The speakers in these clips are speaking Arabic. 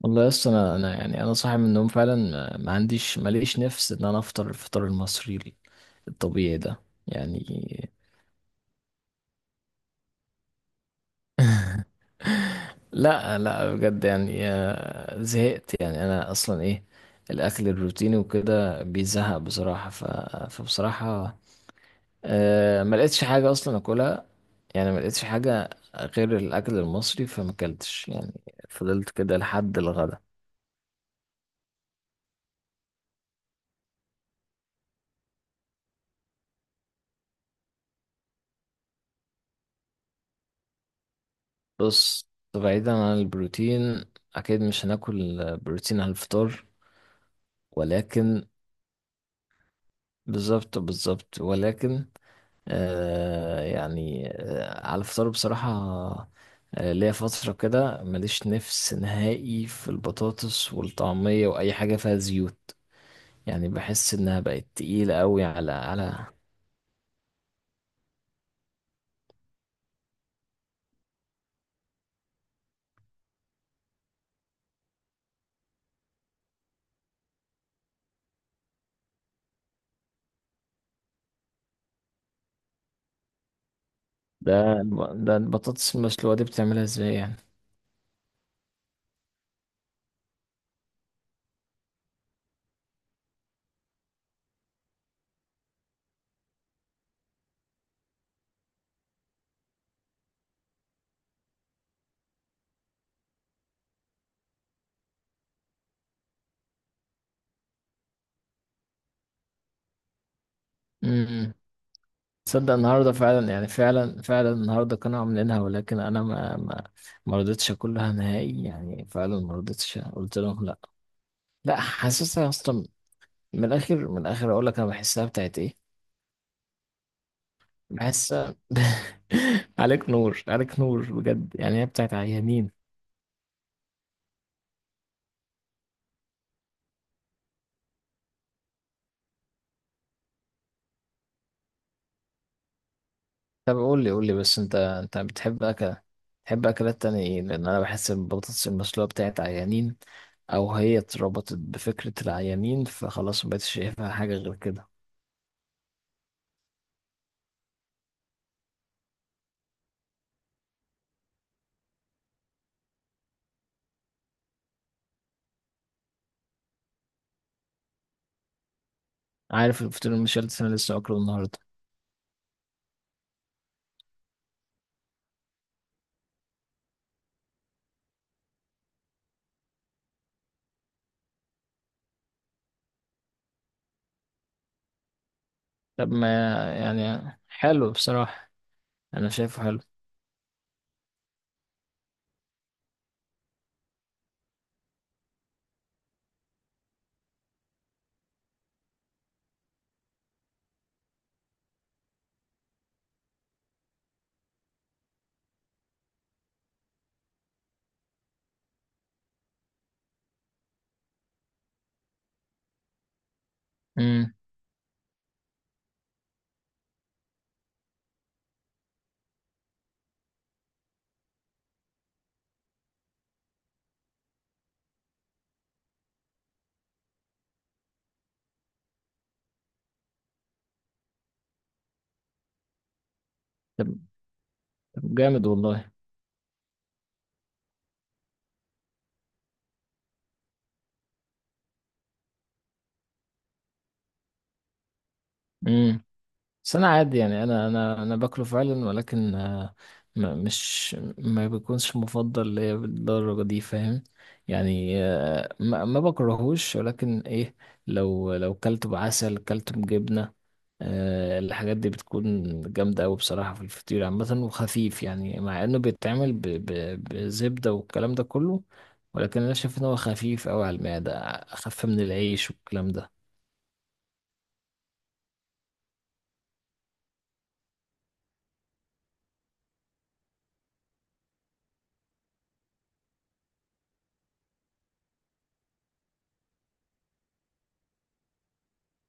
والله يس انا يعني انا صاحي من النوم فعلا، ما عنديش، ماليش نفس ان انا افطر الفطار المصري الطبيعي ده، يعني. لا بجد يعني، زهقت يعني. انا اصلا ايه، الاكل الروتيني وكده بيزهق بصراحة، فبصراحة ما لقيتش حاجة اصلا اكلها، يعني ما لقيتش حاجة غير الاكل المصري، فما اكلتش يعني. فضلت كده لحد الغدا. بص، بعيدا عن البروتين، اكيد مش هناكل بروتين على الفطار، ولكن بالظبط، بالظبط، ولكن آه، يعني آه، على الفطار بصراحة، آه ليا فترة كده ماليش نفس نهائي في البطاطس والطعمية وأي حاجة فيها زيوت. يعني بحس إنها بقت تقيلة أوي على على ده ده البطاطس المسلوقة دي بتعملها ازاي يعني؟ امم، تصدق النهاردة فعلا، يعني فعلا فعلا النهاردة كانوا عاملينها، ولكن أنا ما رضيتش أكلها نهائي يعني، فعلا ما رضيتش، قلت لهم لأ. لا، حاسسها اصلا، من الاخر، من الاخر اقول لك، انا بحسها بتاعت ايه، بحسها عليك نور، عليك نور بجد يعني، هي بتاعت عيانين. طب قول لي، قول لي بس، انت انت بتحب اكل، بتحب اكلات تانية ايه؟ لان انا بحس البطاطس المسلوقة بتاعت عيانين، او هي اتربطت بفكرة العيانين فخلاص مبقتش شايفها حاجة غير كده. عارف الفطير المشلتت، انا لسه اكله النهاردة. طب ما، يعني حلو بصراحة، انا شايفه حلو. امم. طب، طب جامد والله. مم. بس انا عادي يعني، انا باكله فعلا، ولكن ما، مش ما بيكونش مفضل ليا بالدرجه دي، فاهم؟ يعني ما بكرهوش، ولكن ايه، لو لو كلته بعسل، كلته بجبنه، الحاجات دي بتكون جامده قوي بصراحه في الفطير عامه، وخفيف يعني، مع انه بيتعمل بزبده والكلام ده كله، ولكن انا شايف ان هو خفيف قوي على المعده، اخف من العيش والكلام ده.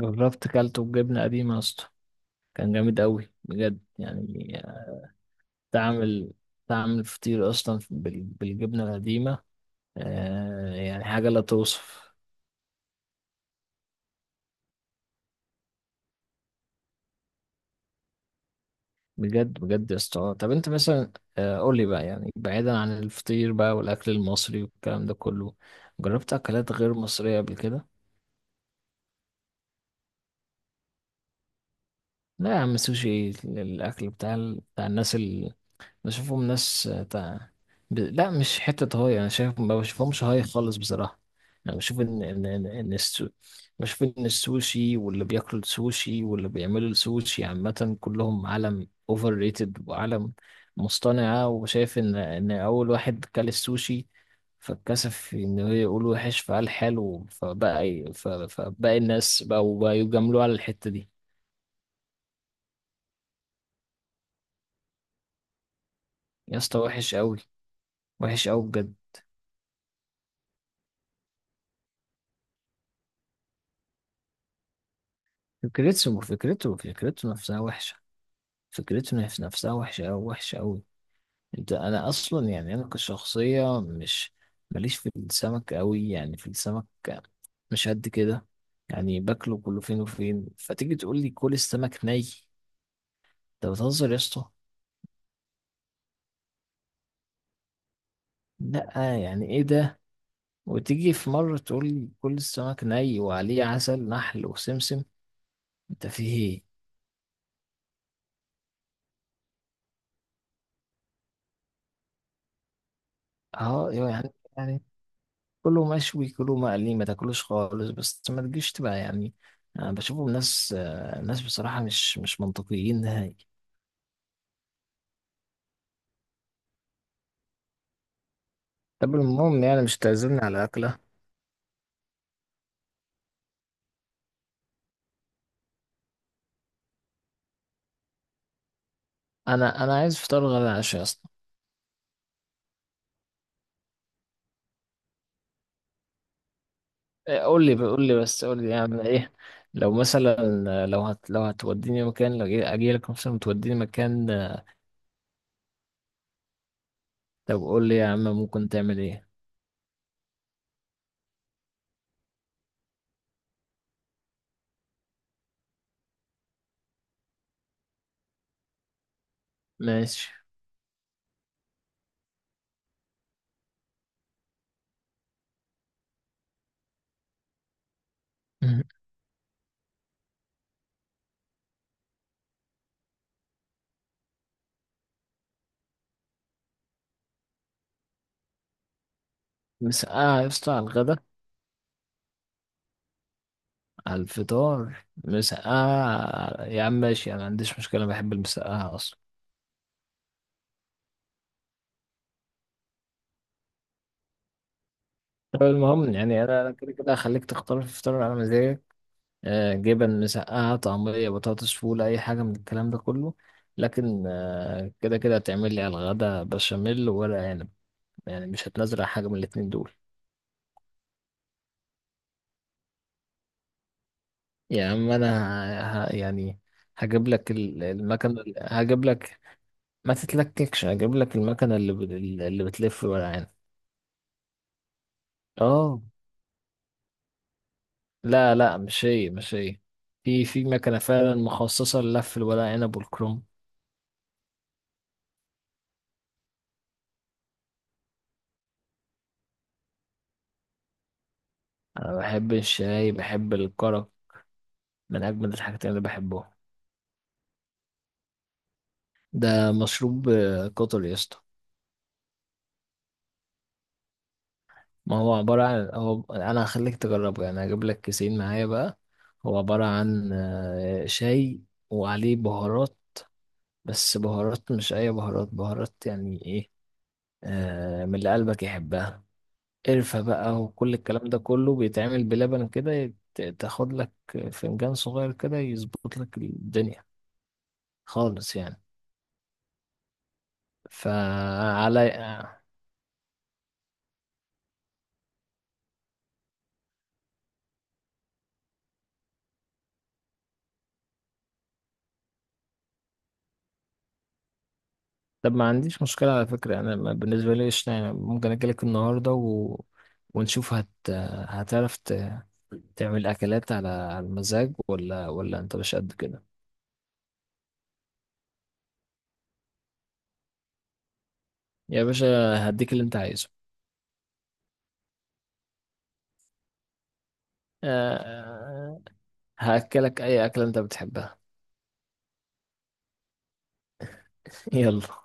جربت كلته بجبنه قديمه يا اسطى، كان جامد أوي بجد يعني. تعمل تعمل فطير أصلا بالجبنة القديمة، آه يعني حاجة لا توصف. بجد بجد يا اسطى، طب أنت مثلا، آه قول لي بقى يعني، بعيدا عن الفطير بقى والأكل المصري والكلام ده كله، جربت أكلات غير مصرية قبل كده؟ لا يا عم، سوشي الأكل بتاع بتاع الناس، بشوفهم ناس تع... لا مش حتة هاي، أنا شايف، ما بشوفهمش هاي خالص بصراحة. أنا بشوف إن بشوف إن السوشي واللي بياكلوا السوشي واللي بيعملوا السوشي عامة، كلهم عالم أوفر ريتد وعالم مصطنعة، وشايف إن أول واحد كل السوشي فاتكسف إن هو يقول وحش، فقال حلو، فبقى فباقي الناس بقوا يجاملوه على الحتة دي. يا اسطى وحش أوي، وحش أوي بجد. فكرته نفسها وحشة. فكرته نفسها وحشة أوي، وحشة أوي. أنت، أنا أصلا يعني أنا كشخصية مش ماليش في السمك أوي، يعني في السمك مش قد كده يعني، باكله كله فين وفين، فتيجي تقول لي كل السمك ني، أنت بتهزر يا اسطى؟ لأ يعني إيه ده، وتيجي في مرة تقول لي كل السمك ني وعليه عسل نحل وسمسم، أنت في إيه؟ أه يعني، يعني كله مشوي، كله مقلي، ما تاكلوش خالص، بس ما تجيش تبقى يعني، أنا بشوفهم ناس، ناس بصراحة مش مش منطقيين نهائي. طب المهم يعني، مش تعزمني على أكلة. أنا، أنا عايز فطار غدا عشاء أصلا. إيه، قول لي، قول لي بس، قول لي أعمل إيه؟ لو مثلا، لو هت، لو هتوديني مكان، لو أجي، أجي لك مثلا توديني مكان، آه، طب قول لي يا عم، ممكن تعمل إيه؟ ماشي. مم. مسقعة يا اسطى على الغدا؟ على الفطار مسقعة يا عم؟ ماشي، أنا ما عنديش مشكلة، بحب المسقعة أصلا. طب المهم يعني انا، أنا كده كده هخليك تختار في فطار على مزاجك، جبن، مسقعه، طعميه، بطاطس، فول، اي حاجه من الكلام ده كله، لكن كده كده هتعمل لي على الغدا بشاميل وورق عنب، يعني مش هتنزل حاجه من الاتنين دول. يا عم انا، يعني هجيب لك المكنه، هجيب لك، ما تتلككش، هجيب لك المكنه اللي بتلف الورق عنب. اه، لا لا، مش هي، مش هي. في، في مكنه فعلا مخصصه للف الورق عنب والكرنب. أنا بحب الشاي، بحب الكرك، من أجمل الحاجات اللي بحبها. ده مشروب، قطر يا اسطى. ما هو عبارة عن، هو أنا هخليك تجربه يعني، هجيب لك كيسين معايا بقى. هو عبارة عن شاي وعليه بهارات، بس بهارات مش أي بهارات، بهارات يعني إيه، من اللي قلبك يحبها، قرفة بقى وكل الكلام ده كله، بيتعمل بلبن كده، تاخد لك فنجان صغير كده، يظبط لك الدنيا خالص يعني. فعلى، طب ما عنديش مشكلة على فكرة يعني، أنا ما، بالنسبة لي قشطة يعني، ممكن أجيلك النهاردة ونشوف هتعرف تعمل أكلات على على المزاج، ولا ولا أنت مش قد كده؟ يا باشا، هديك اللي أنت عايزه. أه، هأكلك أي أكلة أنت بتحبها. يلا.